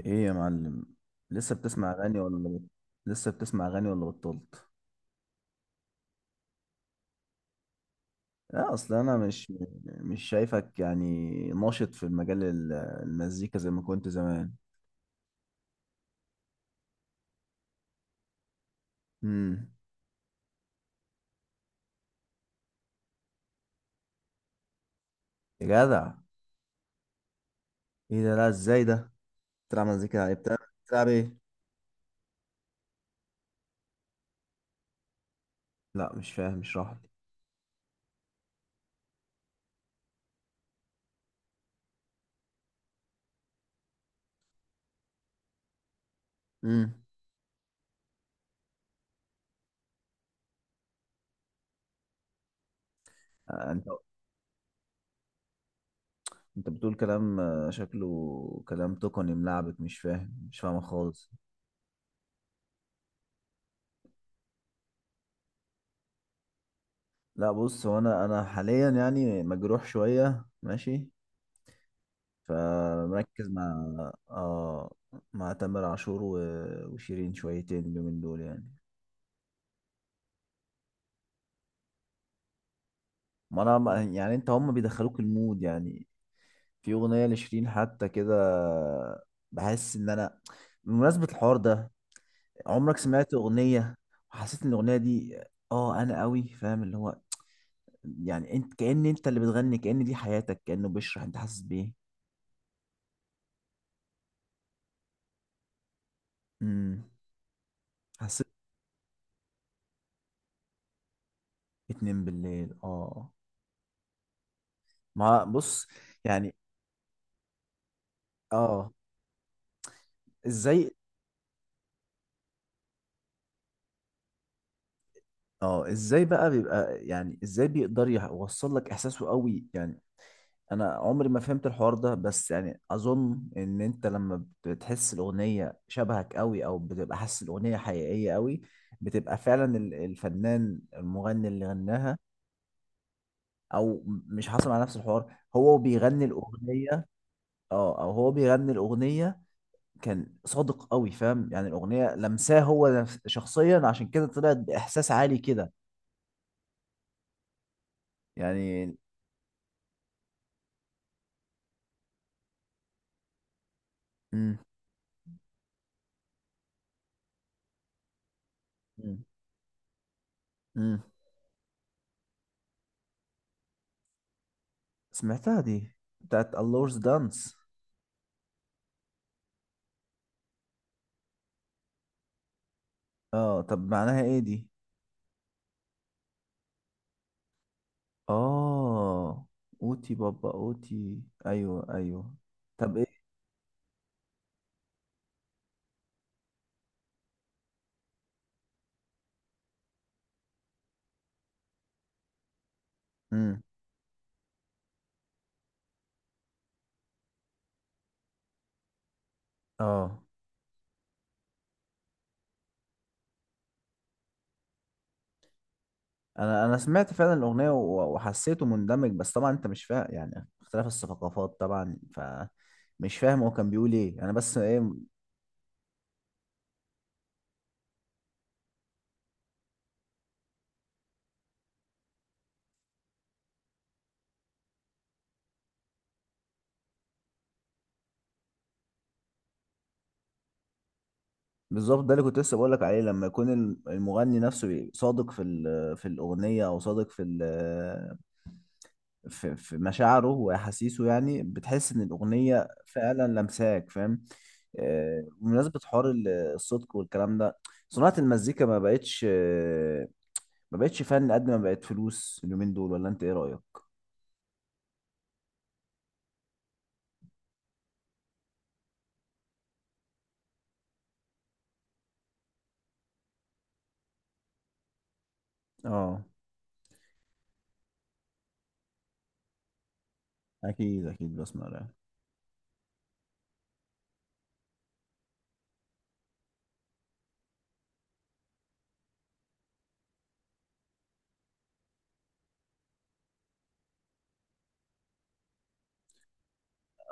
ايه يا معلم؟ لسه بتسمع اغاني ولا لسه بتسمع اغاني ولا بطلت؟ اه، اصل انا مش شايفك يعني ناشط في المزيكا زي ما كنت زمان. امم يا جدع، ايه ده؟ لا، ازاي ده بتلعب مزيكا؟ يعني بتلعب بتلعب ايه؟ لا مش فاهم، اشرح لي. امم آه انت، انت بتقول كلام، شكله كلام تقني ملعبك، مش فاهمه خالص. لا بص، هو انا حاليا يعني مجروح شويه، ماشي؟ فمركز مع مع تامر عاشور وشيرين شويتين اليومين دول يعني. ما انا يعني انت هم بيدخلوك المود يعني. في اغنيه لشيرين حتى كده، بحس ان انا، بمناسبه الحوار ده، عمرك سمعت اغنيه وحسيت ان الاغنيه دي، اه انا قوي فاهم اللي هو، يعني انت كأن انت اللي بتغني، كأن دي حياتك، كأنه بيشرح انت حاسس بايه. امم حسيت اتنين بالليل؟ اه، ما بص يعني. اه، ازاي؟ اه ازاي بقى بيبقى يعني ازاي بيقدر يوصل لك احساسه قوي يعني؟ انا عمري ما فهمت الحوار ده، بس يعني اظن ان انت لما بتحس الاغنيه شبهك قوي، او بتبقى حاسس الاغنيه حقيقيه قوي، بتبقى فعلا الفنان المغني اللي غناها. او مش حاصل على نفس الحوار، هو بيغني الاغنيه. اه، او هو بيغني الاغنيه، كان صادق قوي، فاهم؟ يعني الاغنيه لمساه هو شخصيا، عشان كده طلعت باحساس عالي كده يعني. مم. امم. سمعتها دي، بتاعت اللورز دانس. اه طب معناها ايه دي؟ اه، اوتي بابا اوتي، ايوه ايوه. طب ايه؟ امم. اه انا، سمعت فعلا الاغنيه وحسيته مندمج، بس طبعا انت مش فاهم يعني اختلاف الثقافات طبعا، ف مش فاهم هو كان بيقول ايه انا، بس ايه. بالظبط، ده اللي كنت لسه بقول لك عليه. لما يكون المغني نفسه صادق في في الاغنيه، او صادق في في مشاعره واحاسيسه، يعني بتحس ان الاغنيه فعلا لمساك، فاهم؟ آه، بمناسبه حوار الصدق والكلام ده، صناعه المزيكا ما بقتش ما بقتش فن قد ما بقت فلوس اليومين دول، ولا انت ايه رايك؟ اه، اكيد اكيد بسمع راب.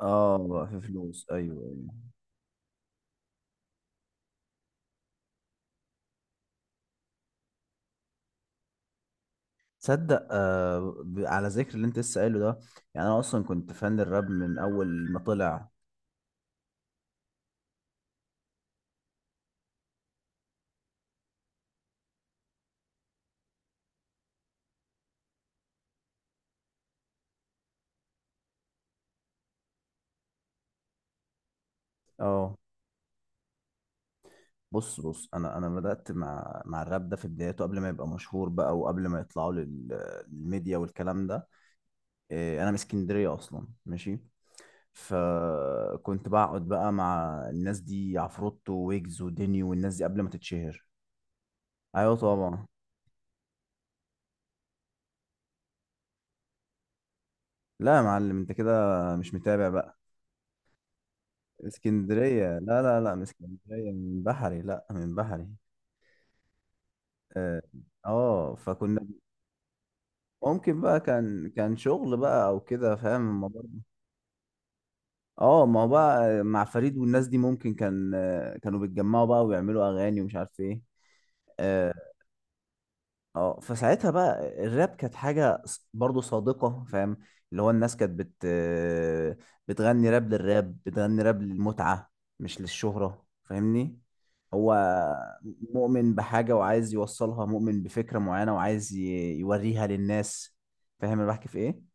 اه بقى في فلوس، ايوه ايوه. تصدق آه، على ذكر اللي انت لسه قايله ده، يعني انا اصلا كنت فان الراب من اول ما طلع. اه بص بص، انا بدات مع مع الراب ده في بدايته قبل ما يبقى مشهور بقى، وقبل ما يطلعوا للميديا والكلام ده. إيه، انا من اسكندريه اصلا، ماشي؟ فكنت بقعد بقى مع الناس دي، عفروتو ويجز وديني والناس دي قبل ما تتشهر. ايوه طبعا. لا يا معلم، انت كده مش متابع بقى. اسكندريه، لا لا لا، من اسكندريه، من بحري، لا من بحري. اه. آه، فكنا. ممكن بقى كان كان شغل بقى او كده، فاهم الموضوع. اه، ما هو بقى مع فريد والناس دي، ممكن كان كانوا بيتجمعوا بقى ويعملوا اغاني ومش عارف ايه. اه. آه، فساعتها بقى الراب كانت حاجة برضو صادقة، فاهم؟ اللي هو الناس كانت بتغني راب للراب، بتغني راب للمتعة، مش للشهرة، فاهمني؟ هو مؤمن بحاجة وعايز يوصلها، مؤمن بفكرة معينة وعايز يوريها للناس، فاهم انا بحكي في ايه؟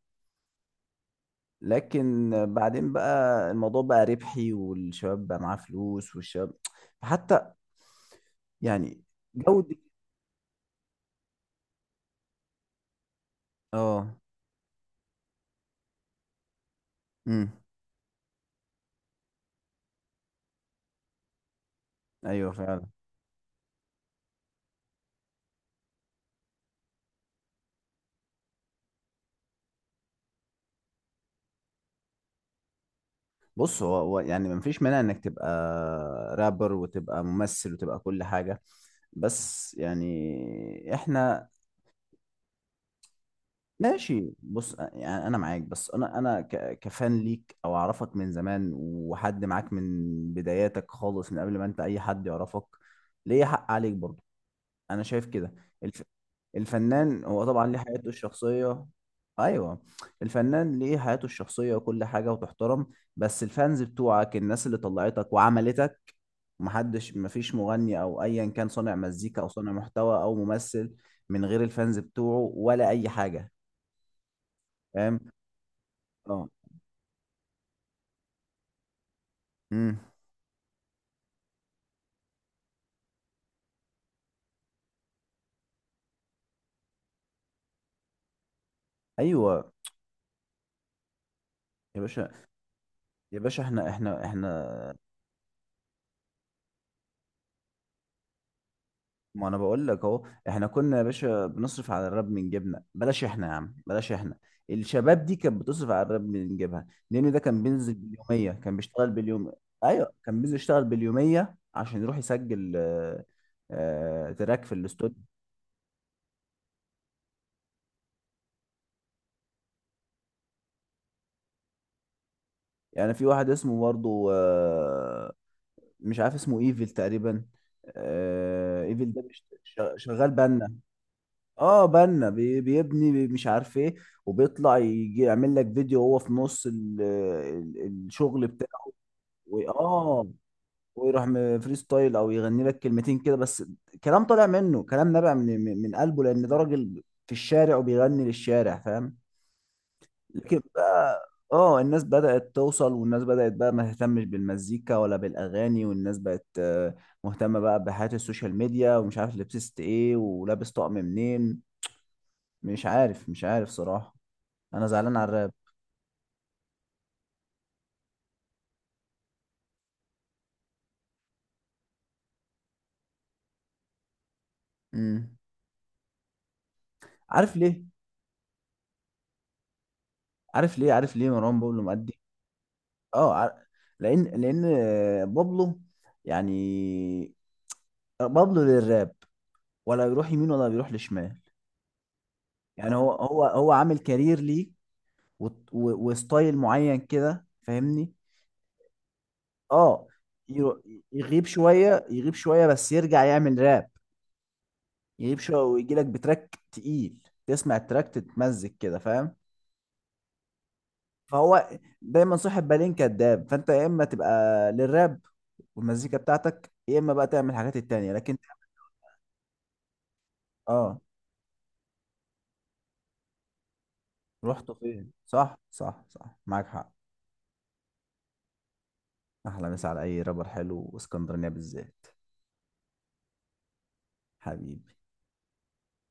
لكن بعدين بقى الموضوع بقى ربحي، والشباب بقى معاه فلوس، والشباب حتى يعني جودة. اه. امم. ايوه فعلا. بص، هو يعني مفيش مانع انك تبقى رابر وتبقى ممثل وتبقى كل حاجة، بس يعني احنا، ماشي، بص يعني انا معاك، بس انا انا كفان ليك او اعرفك من زمان وحد معاك من بداياتك خالص، من قبل ما انت اي حد يعرفك، ليه حق عليك برضه. انا شايف كده. الف... الفنان هو طبعا ليه حياته الشخصية. ايوه. الفنان ليه حياته الشخصية وكل حاجة وتحترم، بس الفانز بتوعك، الناس اللي طلعتك وعملتك، محدش، مفيش مغني او ايا كان صانع مزيكا او صانع محتوى او ممثل من غير الفانز بتوعه ولا اي حاجة، فاهم؟ اه. امم. ايوه. يا باشا. يا باشا، احنا احنا، ما انا بقول لك اهو، احنا كنا يا باشا بنصرف على الراب من جيبنا، بلاش احنا يا عم، بلاش احنا. الشباب دي كانت بتصرف على الراب من جيبها، لان ده كان بينزل باليوميه، كان بيشتغل باليوم. ايوه كان بينزل يشتغل باليوميه عشان يروح يسجل آه، تراك في الاستوديو. يعني في واحد اسمه برضه آه، مش عارف اسمه ايفل تقريبا. آه، ايفل ده شغال بنا. اه بنا، بيبني، مش عارف ايه، وبيطلع يجي يعمل لك فيديو وهو في نص ال ال الشغل بتاعه. اه، ويروح فري ستايل او يغني لك كلمتين كده بس، كلام طالع منه، كلام نابع من من قلبه، لان ده راجل في الشارع وبيغني للشارع، فاهم؟ لكن بقى اه الناس بدأت توصل، والناس بدأت بقى ما تهتمش بالمزيكا ولا بالأغاني، والناس بقت آه، مهتمة بقى بحياة السوشيال ميديا ومش عارف لبست ايه ولابس طقم منين. مش عارف، مش عارف صراحة. انا زعلان على الراب. امم. عارف ليه عارف ليه مروان بابلو مأدي؟ اه لان، لان آه، بابلو يعني بابلو للراب، ولا بيروح يمين ولا بيروح لشمال. يعني هو عامل كارير ليه وستايل معين كده، فاهمني؟ اه يرو- يغيب شويه، يغيب شويه بس يرجع يعمل راب، يغيب شويه ويجي لك بتراك تقيل، تسمع التراك تتمزج كده، فاهم؟ فهو دايما صاحب بالين كداب، فانت يا اما تبقى للراب والمزيكا بتاعتك، يا اما بقى تعمل الحاجات التانية، لكن اه رحت فين؟ صح صح صح، معاك حق. احلى مسا على اي رابر حلو، واسكندرانية بالذات. حبيبي.